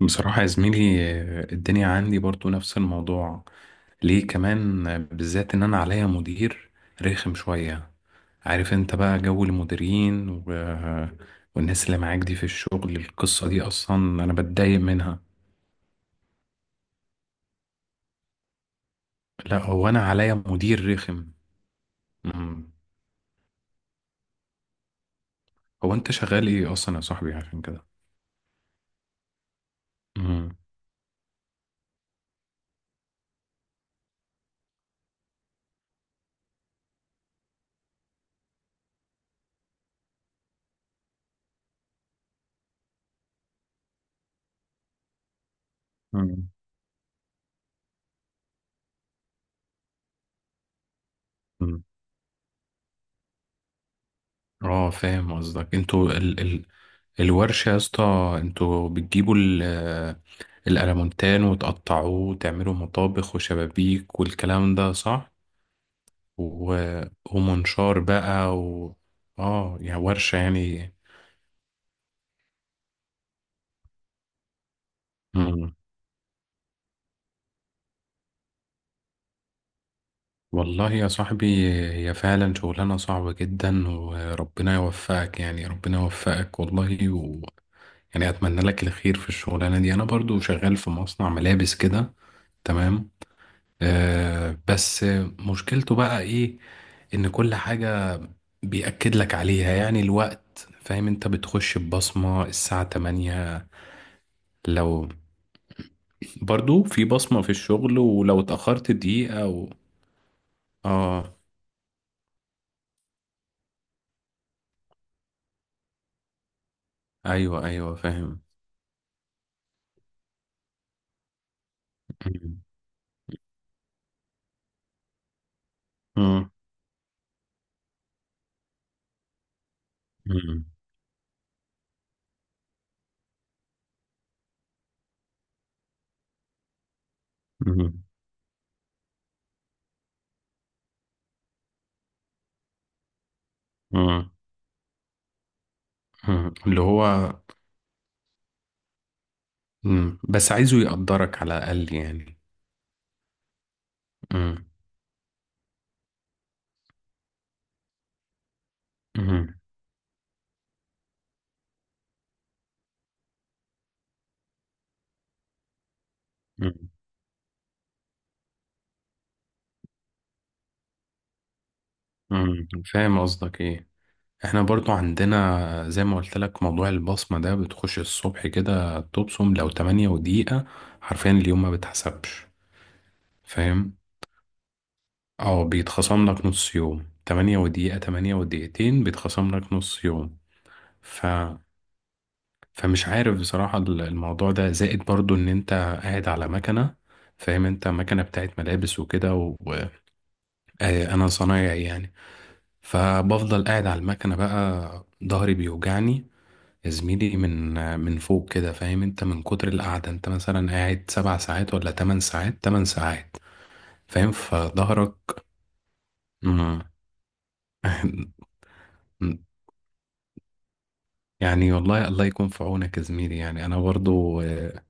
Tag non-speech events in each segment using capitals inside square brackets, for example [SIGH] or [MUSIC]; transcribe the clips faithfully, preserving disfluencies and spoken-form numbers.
بصراحة يا زميلي، الدنيا عندي برضو نفس الموضوع. ليه كمان بالذات ان انا عليا مدير رخم شوية. عارف انت بقى جو المديرين و... والناس اللي معاك دي في الشغل. القصة دي اصلا انا بتضايق منها. لا، هو انا عليا مدير رخم. مم. هو انت شغال ايه اصلا يا صاحبي عشان كده؟ مم. مم. مم. اه، فاهم قصدك. انتوا الورشة يا اسطى، انتوا بتجيبوا ال- الألمونتان وتقطعوه وتعملوا مطابخ وشبابيك والكلام ده صح؟ و... ومنشار بقى و... اه، يا ورشة يعني. مم. والله يا صاحبي، هي فعلا شغلانة صعبة جدا وربنا يوفقك، يعني ربنا يوفقك والله و... يعني أتمنى لك الخير في الشغلانة دي. أنا برضو شغال في مصنع ملابس كده. تمام. آه بس مشكلته بقى إيه؟ ان كل حاجة بيأكد لك عليها، يعني الوقت، فاهم انت، بتخش ببصمة الساعة تمانية. لو برضو في بصمة في الشغل ولو اتأخرت دقيقة و... اه، ايوه ايوه فاهم. مم. مم. مم. مم. مم. اللي هو مم. بس عايزه يقدرك على الأقل يعني. مم. مم. مم. مم. فاهم قصدك ايه. احنا برضو عندنا زي ما قلت لك موضوع البصمة ده، بتخش الصبح كده تبصم لو تمانية ودقيقة حرفيا اليوم ما بتحسبش. فاهم؟ اه، بيتخصم لك نص يوم. تمانية ودقيقة، تمانية ودقيقتين بيتخصم لك نص يوم. ف... فمش عارف بصراحة، ال- الموضوع ده زائد برضو ان انت قاعد على مكنة. فاهم انت؟ مكنة بتاعت ملابس وكده، وانا صنايعي يعني. فبفضل قاعد على المكنة، بقى ظهري بيوجعني يا زميلي، من من فوق كده. فاهم انت؟ من كتر القعدة. انت مثلا قاعد سبع ساعات ولا تمن ساعات، تمن ساعات. فاهم؟ فظهرك. مم. [LAUGHS] يعني والله الله يكون في عونك يا زميلي. يعني انا برضو آه،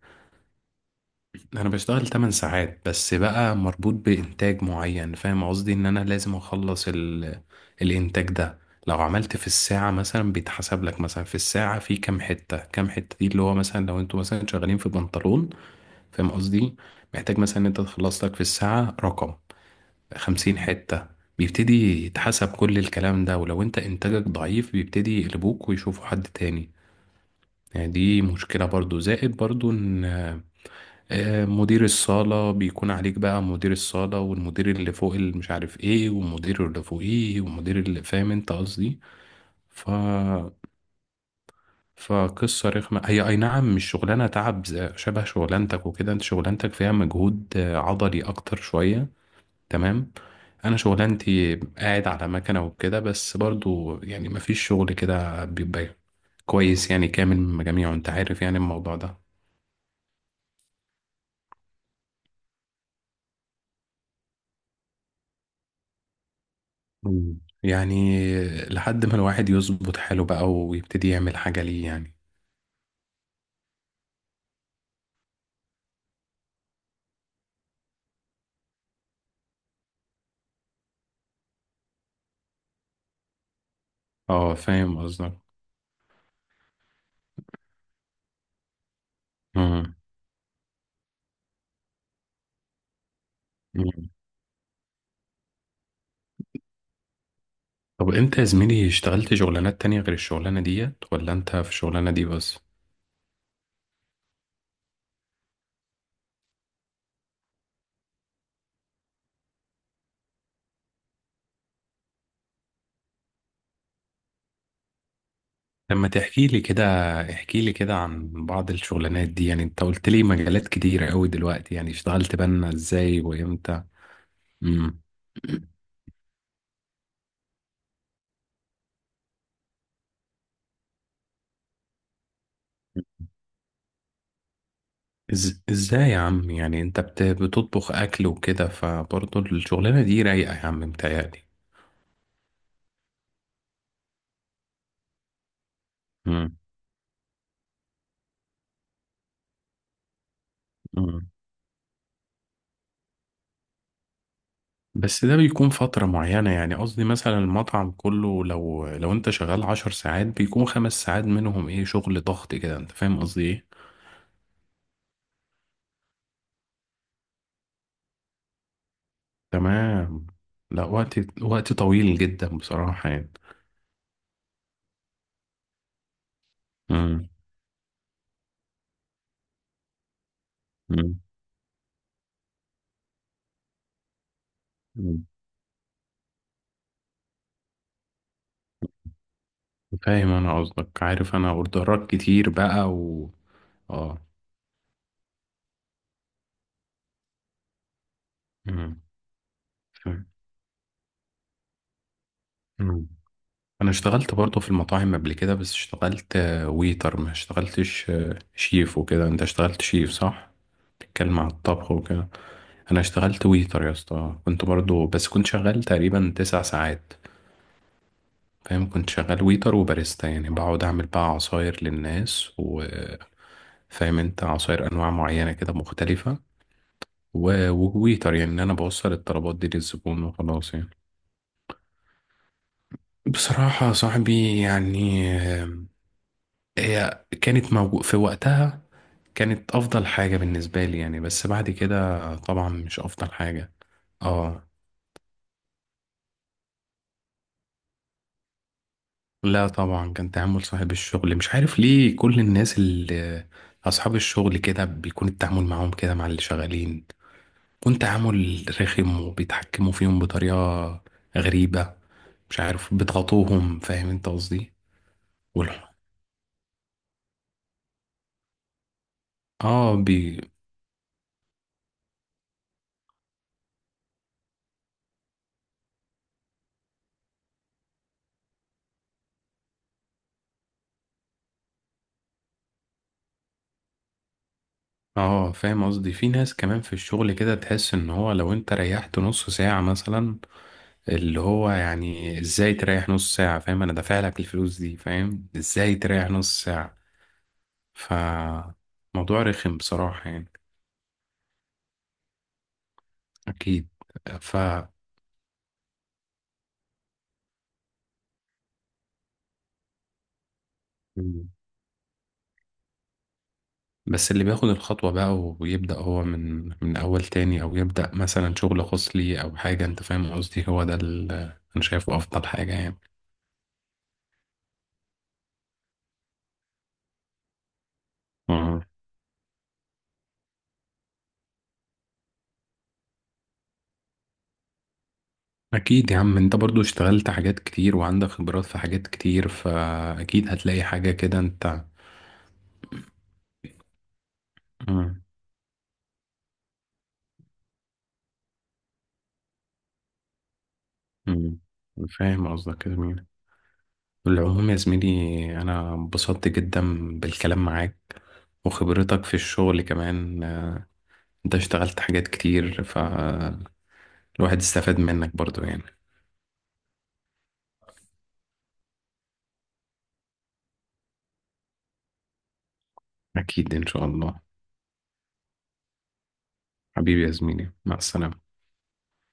انا بشتغل تمانية ساعات، بس بقى مربوط بانتاج معين. فاهم قصدي؟ ان انا لازم اخلص ال... الانتاج ده. لو عملت في الساعة مثلا بيتحسب لك، مثلا في الساعة في كام حتة، كام حتة دي اللي هو مثلا لو انتوا مثلا شغالين في بنطلون، فاهم قصدي؟ محتاج مثلا ان انت تخلص لك في الساعة رقم خمسين حتة. بيبتدي يتحسب كل الكلام ده، ولو انت انتاجك ضعيف بيبتدي يقلبوك ويشوفوا حد تاني. يعني دي مشكلة برضو. زائد برضو ان آه، مدير الصالة بيكون عليك، بقى مدير الصالة والمدير اللي فوق اللي مش عارف ايه ومدير اللي فوقيه ومدير اللي، فاهم انت قصدي. ف فقصة رخمة هي، أي نعم مش شغلانة تعب زي- شبه شغلانتك وكده. أنت شغلانتك فيها مجهود آه، عضلي أكتر شوية. تمام. انا شغلانتي قاعد على مكنه وكده، بس برضو يعني مفيش شغل كده بيبقى كويس يعني، كامل من جميعه. انت عارف يعني الموضوع ده. مم. يعني لحد ما الواحد يظبط حاله بقى ويبتدي يعمل حاجه ليه يعني. اه فاهم قصدك. مم. مم. طب انت يا زميلي اشتغلت شغلانات تانية غير الشغلانه ديت ولا انت في الشغلانه دي بس؟ لما تحكي لي كده، احكي لي كده عن بعض الشغلانات دي. يعني انت قلت لي مجالات كتيرة قوي دلوقتي، يعني اشتغلت بنا ازاي وامتى؟ امم إز... ازاي يا عم يعني؟ انت بت... بتطبخ اكل وكده، فبرضه الشغلانة دي رايقة يا عم متهيألي. امم امم بس ده بيكون فترة معينة يعني. قصدي مثلا المطعم كله، لو لو انت شغال عشر ساعات بيكون خمس ساعات منهم ايه، شغل ضغط كده. انت فاهم قصدي ايه؟ تمام. لا، وقت وقت طويل جدا بصراحة يعني. مم. مم. مم. فاهم انا قصدك. عارف، انا اوردرات كتير بقى و اه مم. فاهم. مم. انا اشتغلت برضه في المطاعم قبل كده، بس اشتغلت آه، ويتر، ما اشتغلتش آه، شيف وكده. انت اشتغلت شيف صح؟ بتتكلم على الطبخ وكده. انا اشتغلت ويتر يا اسطى، كنت برضه بس كنت شغال تقريبا تسع ساعات. فاهم؟ كنت شغال ويتر وباريستا، يعني بقعد اعمل بقى عصاير للناس و فاهم انت؟ عصاير انواع معينة كده مختلفة، و- وويتر يعني، إن أنا بوصل الطلبات دي للزبون وخلاص يعني. بصراحة يا صاحبي يعني آه، هي كانت موجود في وقتها، كانت أفضل حاجة بالنسبة لي يعني. بس بعد كده طبعا مش أفضل حاجة. اه. لا طبعا، كان تعامل صاحب الشغل، مش عارف ليه كل الناس اللي أصحاب الشغل كده بيكون التعامل معاهم كده مع اللي شغالين، يكون تعامل رخم وبيتحكموا فيهم بطريقة غريبة. مش عارف، بيضغطوهم. فاهم انت قصدي؟ والح- اه بي اه فاهم قصدي؟ في ناس كمان في الشغل كده تحس ان هو لو انت ريحت نص ساعة مثلا، اللي هو يعني ازاي تريح نص ساعة؟ فاهم؟ انا دافع لك الفلوس دي، فاهم ازاي تريح نص ساعة؟ ف موضوع رخم بصراحة يعني. اكيد. ف مم. بس اللي بياخد الخطوة بقى ويبدأ هو من من أول تاني، أو يبدأ مثلا شغل خاص ليه أو حاجة، أنت فاهم قصدي؟ هو ده اللي أنا شايفه أفضل حاجة يعني. أكيد يا عم. أنت برضو اشتغلت حاجات كتير وعندك خبرات في حاجات كتير، فأكيد هتلاقي حاجة كده أنت. مم. مم. فاهم قصدك يا زميلي. بالعموم يا زميلي، أنا انبسطت جدا بالكلام معاك، وخبرتك في الشغل كمان. أنت اشتغلت حاجات كتير فالواحد استفاد منك برضو يعني. أكيد إن شاء الله. حبيبي يا زميلي، مع السلامة.